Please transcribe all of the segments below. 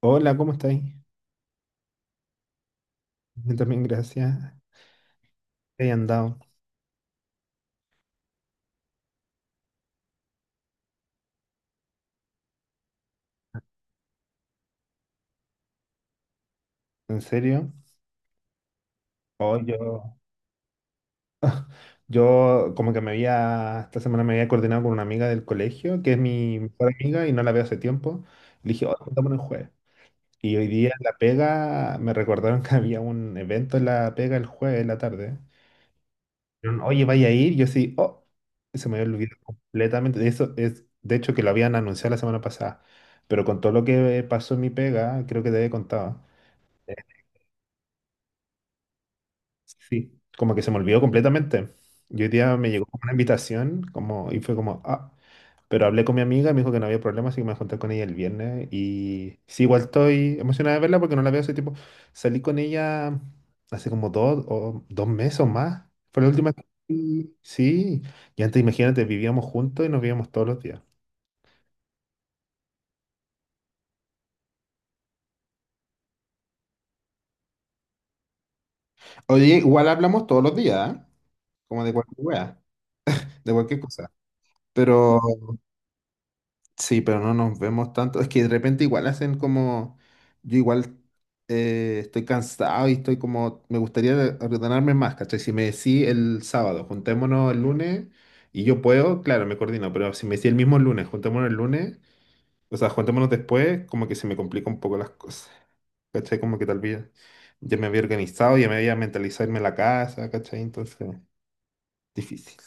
Hola, ¿cómo estáis? Yo también, gracias. ¿Te hayan dado? ¿En serio? Oh, yo como que esta semana me había coordinado con una amiga del colegio, que es mi mejor amiga y no la veo hace tiempo. Le dije, oh, juntémonos el jueves. Y hoy día en la pega me recordaron que había un evento en la pega el jueves en la tarde. Dijeron, oye, vaya a ir. Yo sí, oh, se me había olvidado completamente. De eso es, de hecho, que lo habían anunciado la semana pasada. Pero con todo lo que pasó en mi pega, creo que te había contado. Sí, como que se me olvidó completamente. Y hoy día me llegó como una invitación como, y fue como, ah, pero hablé con mi amiga, me dijo que no había problema, así que me junté con ella el viernes. Y sí, igual estoy emocionada de verla porque no la veo hace tiempo. Salí con ella hace como 2 o 2 meses o más. Fue la última vez que- salí. Sí, y antes imagínate, vivíamos juntos y nos veíamos todos los días. Oye, igual hablamos todos los días, ¿eh? Como de cualquier wea, de cualquier cosa. Pero Sí, pero no nos vemos tanto. Es que de repente igual hacen como... Yo igual estoy cansado y estoy como... Me gustaría ordenarme más, ¿cachai? Si me decís el sábado, juntémonos el lunes y yo puedo, claro, me coordino, pero si me decís el mismo lunes, juntémonos el lunes, o sea, juntémonos después, como que se me complica un poco las cosas, ¿cachai? Como que tal vez ya me había organizado, ya me había mentalizado irme a la casa, ¿cachai? Entonces, difícil.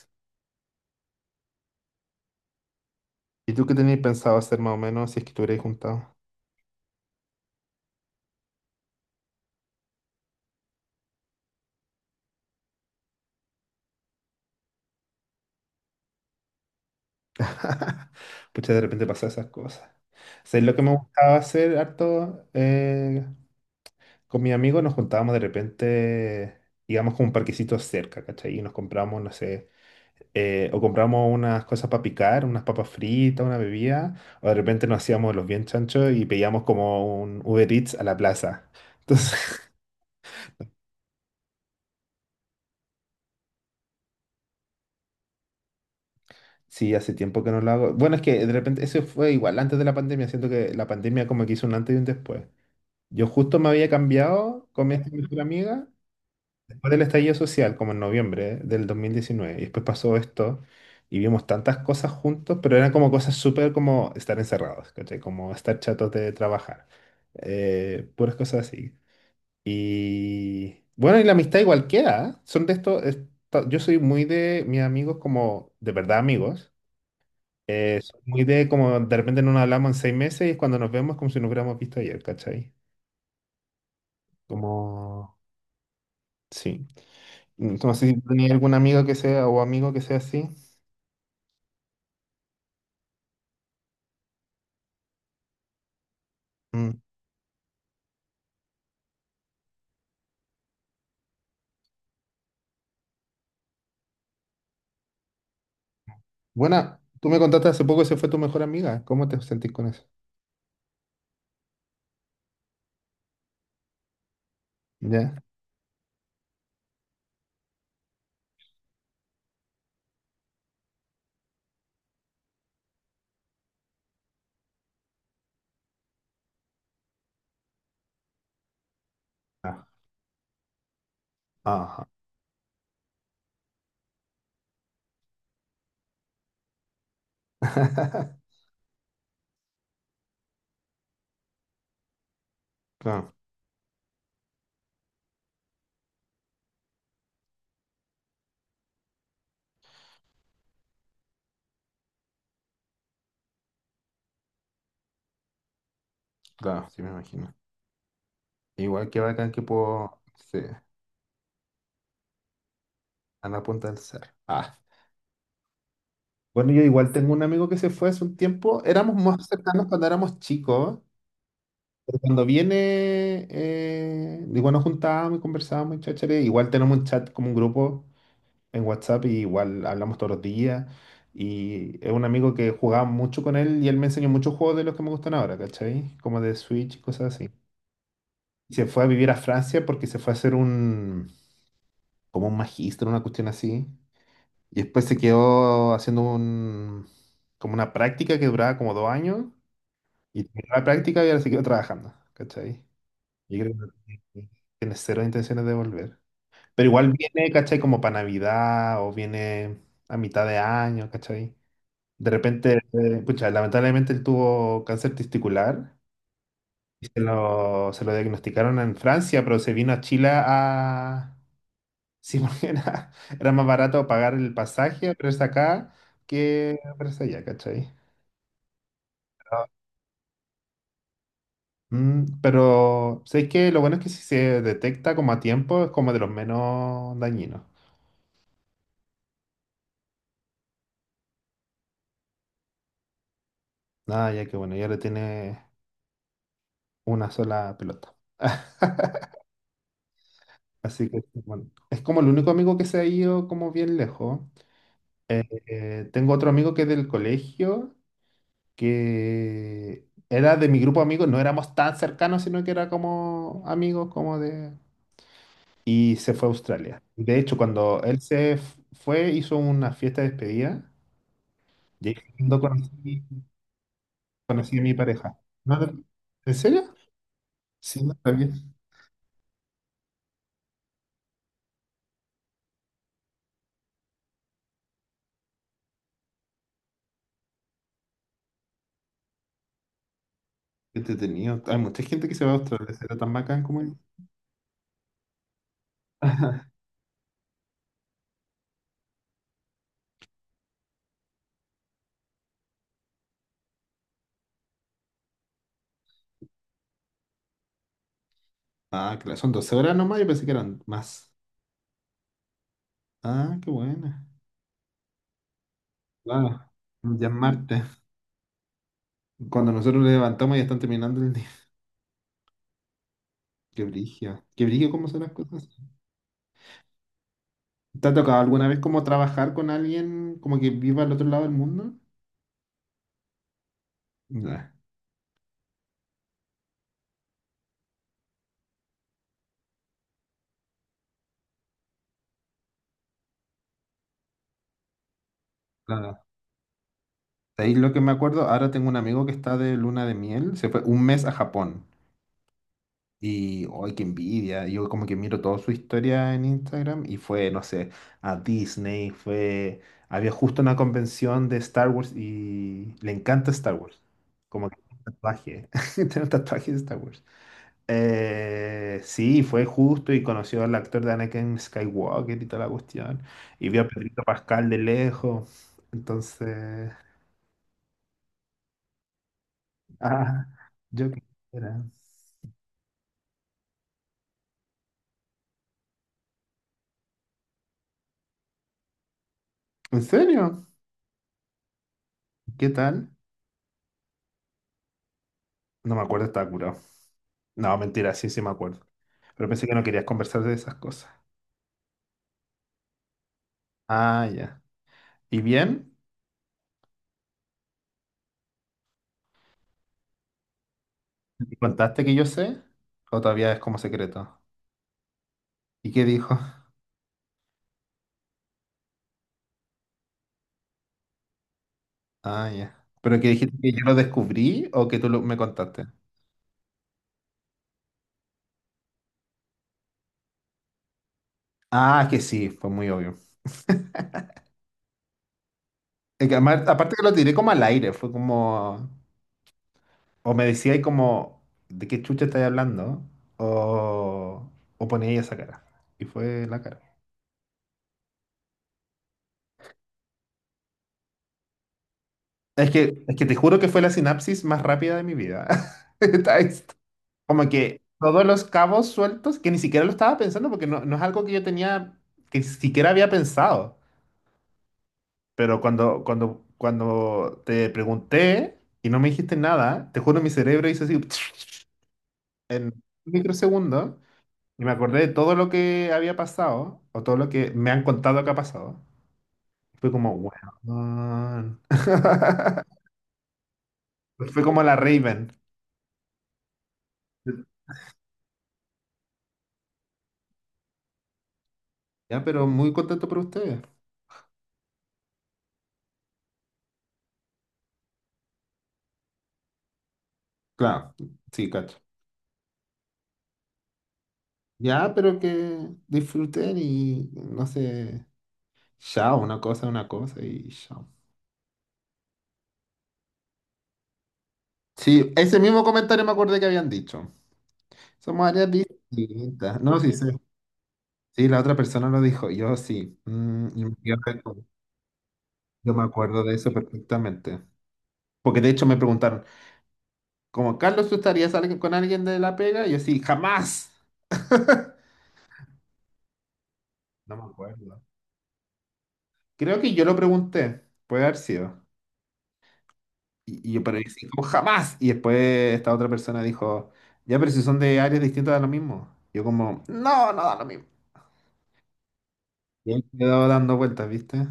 ¿Y tú qué tenías pensado hacer más o menos si es que te juntado? Pucha, de repente pasan esas cosas. ¿Sabes lo que me gustaba hacer harto? Con mi amigo nos juntábamos de repente, íbamos con un parquecito cerca, ¿cachai? Y nos compramos, no sé, o compramos unas cosas para picar, unas papas fritas, una bebida, o de repente nos hacíamos los bien chanchos y pedíamos como un Uber Eats a la plaza. Entonces, sí, hace tiempo que no lo hago. Bueno, es que de repente, eso fue igual antes de la pandemia, siento que la pandemia como que hizo un antes y un después. Yo justo me había cambiado con mi esta mejor amiga después del estallido social, como en noviembre del 2019. Y después pasó esto y vimos tantas cosas juntos, pero eran como cosas súper como estar encerrados, ¿cachai? Como estar chatos de trabajar. Puras cosas así. Y bueno, y la amistad igual queda. ¿Eh? Son de estos. Yo soy muy de mis amigos como de verdad amigos. Soy muy de como de repente no nos hablamos en 6 meses y es cuando nos vemos como si nos hubiéramos visto ayer, ¿cachai? Como... Sí. No sé si tú tenías algún amigo que sea o amigo que sea así. Mm. Bueno, tú me contaste hace poco que se fue tu mejor amiga. ¿Cómo te sentís con eso? ¿Ya? Ah, ajá. Claro, claro, sí me imagino. Igual que bacán que puedo sí, a la punta del cerro. Ah. Bueno, yo igual tengo un amigo que se fue hace un tiempo. Éramos más cercanos cuando éramos chicos. Pero cuando viene, igual nos juntábamos y conversábamos y cháchare. Igual tenemos un chat como un grupo en WhatsApp y igual hablamos todos los días. Y es un amigo que jugaba mucho con él y él me enseñó muchos juegos de los que me gustan ahora, ¿cachai? Como de Switch y cosas así. Y se fue a vivir a Francia porque se fue a hacer como un magíster, una cuestión así. Y después se quedó haciendo como una práctica que duraba como 2 años. Y terminó la práctica y ahora se quedó trabajando, ¿cachai? Y creo que tiene cero intenciones de volver. Pero igual viene, ¿cachai? Como para Navidad o viene a mitad de año, ¿cachai? De repente, pucha, lamentablemente él tuvo cáncer testicular y se lo diagnosticaron en Francia, pero se vino a Chile a... Sí, porque era más barato pagar el pasaje a verse acá que verse allá, ¿cachai? Pero, pero sé que lo bueno es que si se detecta como a tiempo es como de los menos dañinos. Nada, ya que bueno, ya le tiene una sola pelota. Así que bueno, es como el único amigo que se ha ido como bien lejos. Tengo otro amigo que es del colegio, que era de mi grupo de amigos, no éramos tan cercanos, sino que era como amigos, como de... Y se fue a Australia. De hecho, cuando él se fue, hizo una fiesta de despedida. Y ahí fue cuando conocí a mi pareja. ¿No te- ¿En serio? Sí, no sabía. Qué entretenido. Hay mucha gente que se va a Australia, será tan bacán como él. Ah, claro, son 12 horas nomás, yo pensé que eran más. Ah, qué buena. Claro, ya es martes. Cuando nosotros nos levantamos ya están terminando el día. Qué brillo. Qué brillo cómo son las cosas. ¿Te ha tocado alguna vez como trabajar con alguien como que viva al otro lado del mundo? Nah, nada. Ahí lo que me acuerdo, ahora tengo un amigo que está de luna de miel, se fue un mes a Japón. Y, ¡ay, qué envidia! Yo como que miro toda su historia en Instagram y fue, no sé, a Disney, fue... Había justo una convención de Star Wars y le encanta Star Wars. Como que tiene un tatuaje, tiene un tatuaje de Star Wars. Sí, fue justo y conoció al actor de Anakin Skywalker y toda la cuestión. Y vio a Pedrito Pascal de lejos. Entonces, ah, yo qué era. ¿En serio? ¿Qué tal? No me acuerdo, estaba curado. No, mentira, sí, sí me acuerdo. Pero pensé que no querías conversar de esas cosas. Ah, ya. ¿Y bien? ¿Me contaste que yo sé? ¿O todavía es como secreto? ¿Y qué dijo? Ah, ya. ¿Pero que dijiste que yo lo descubrí o que me contaste? Ah, es que sí, fue muy obvio. Es que aparte que lo tiré como al aire, fue como... O me decía ahí como, ¿de qué chucha estáis hablando? O, ponía ahí esa cara. Y fue la cara. Es que te juro que fue la sinapsis más rápida de mi vida. Está esto. Como que todos los cabos sueltos, que ni siquiera lo estaba pensando, porque no, no es algo que yo tenía, que siquiera había pensado. Pero cuando te pregunté y no me dijiste nada, te juro mi cerebro hizo así... en microsegundos y me acordé de todo lo que había pasado o todo lo que me han contado que ha pasado. Fue como, wow. Fue como la Raven. Ya, pero muy contento por ustedes. Claro, sí, cacho. Ya, pero que disfruten y no sé, chao, una cosa y chao. Sí, ese mismo comentario me acordé que habían dicho. Somos áreas distintas. No, sí, sí. Sí, la otra persona lo dijo. Yo sí. Y me quedé. Yo me acuerdo de eso perfectamente. Porque de hecho me preguntaron, como Carlos, ¿tú estarías con alguien de la pega? Y yo sí, jamás. No me acuerdo. Creo que yo lo pregunté, puede haber sido. Y yo, pero yo sí, como jamás. Y después esta otra persona dijo, ya, pero si son de áreas distintas da lo mismo. Yo como, no, no da lo mismo. Y ahí me he dado dando vueltas, ¿viste?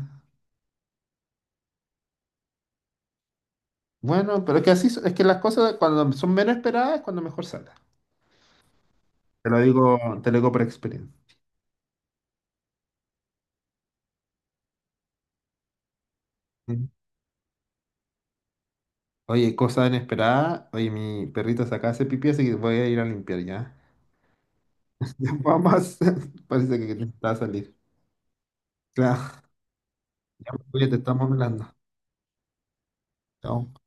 Bueno, pero es que así, es que las cosas cuando son menos esperadas es cuando mejor salen. Te lo digo por experiencia. Oye, cosa inesperada. Oye, mi perrito se acaba de hacer pipí, así que voy a ir a limpiar ya. Vamos, parece que te está a salir. Claro, oye, te estamos hablando. Chao.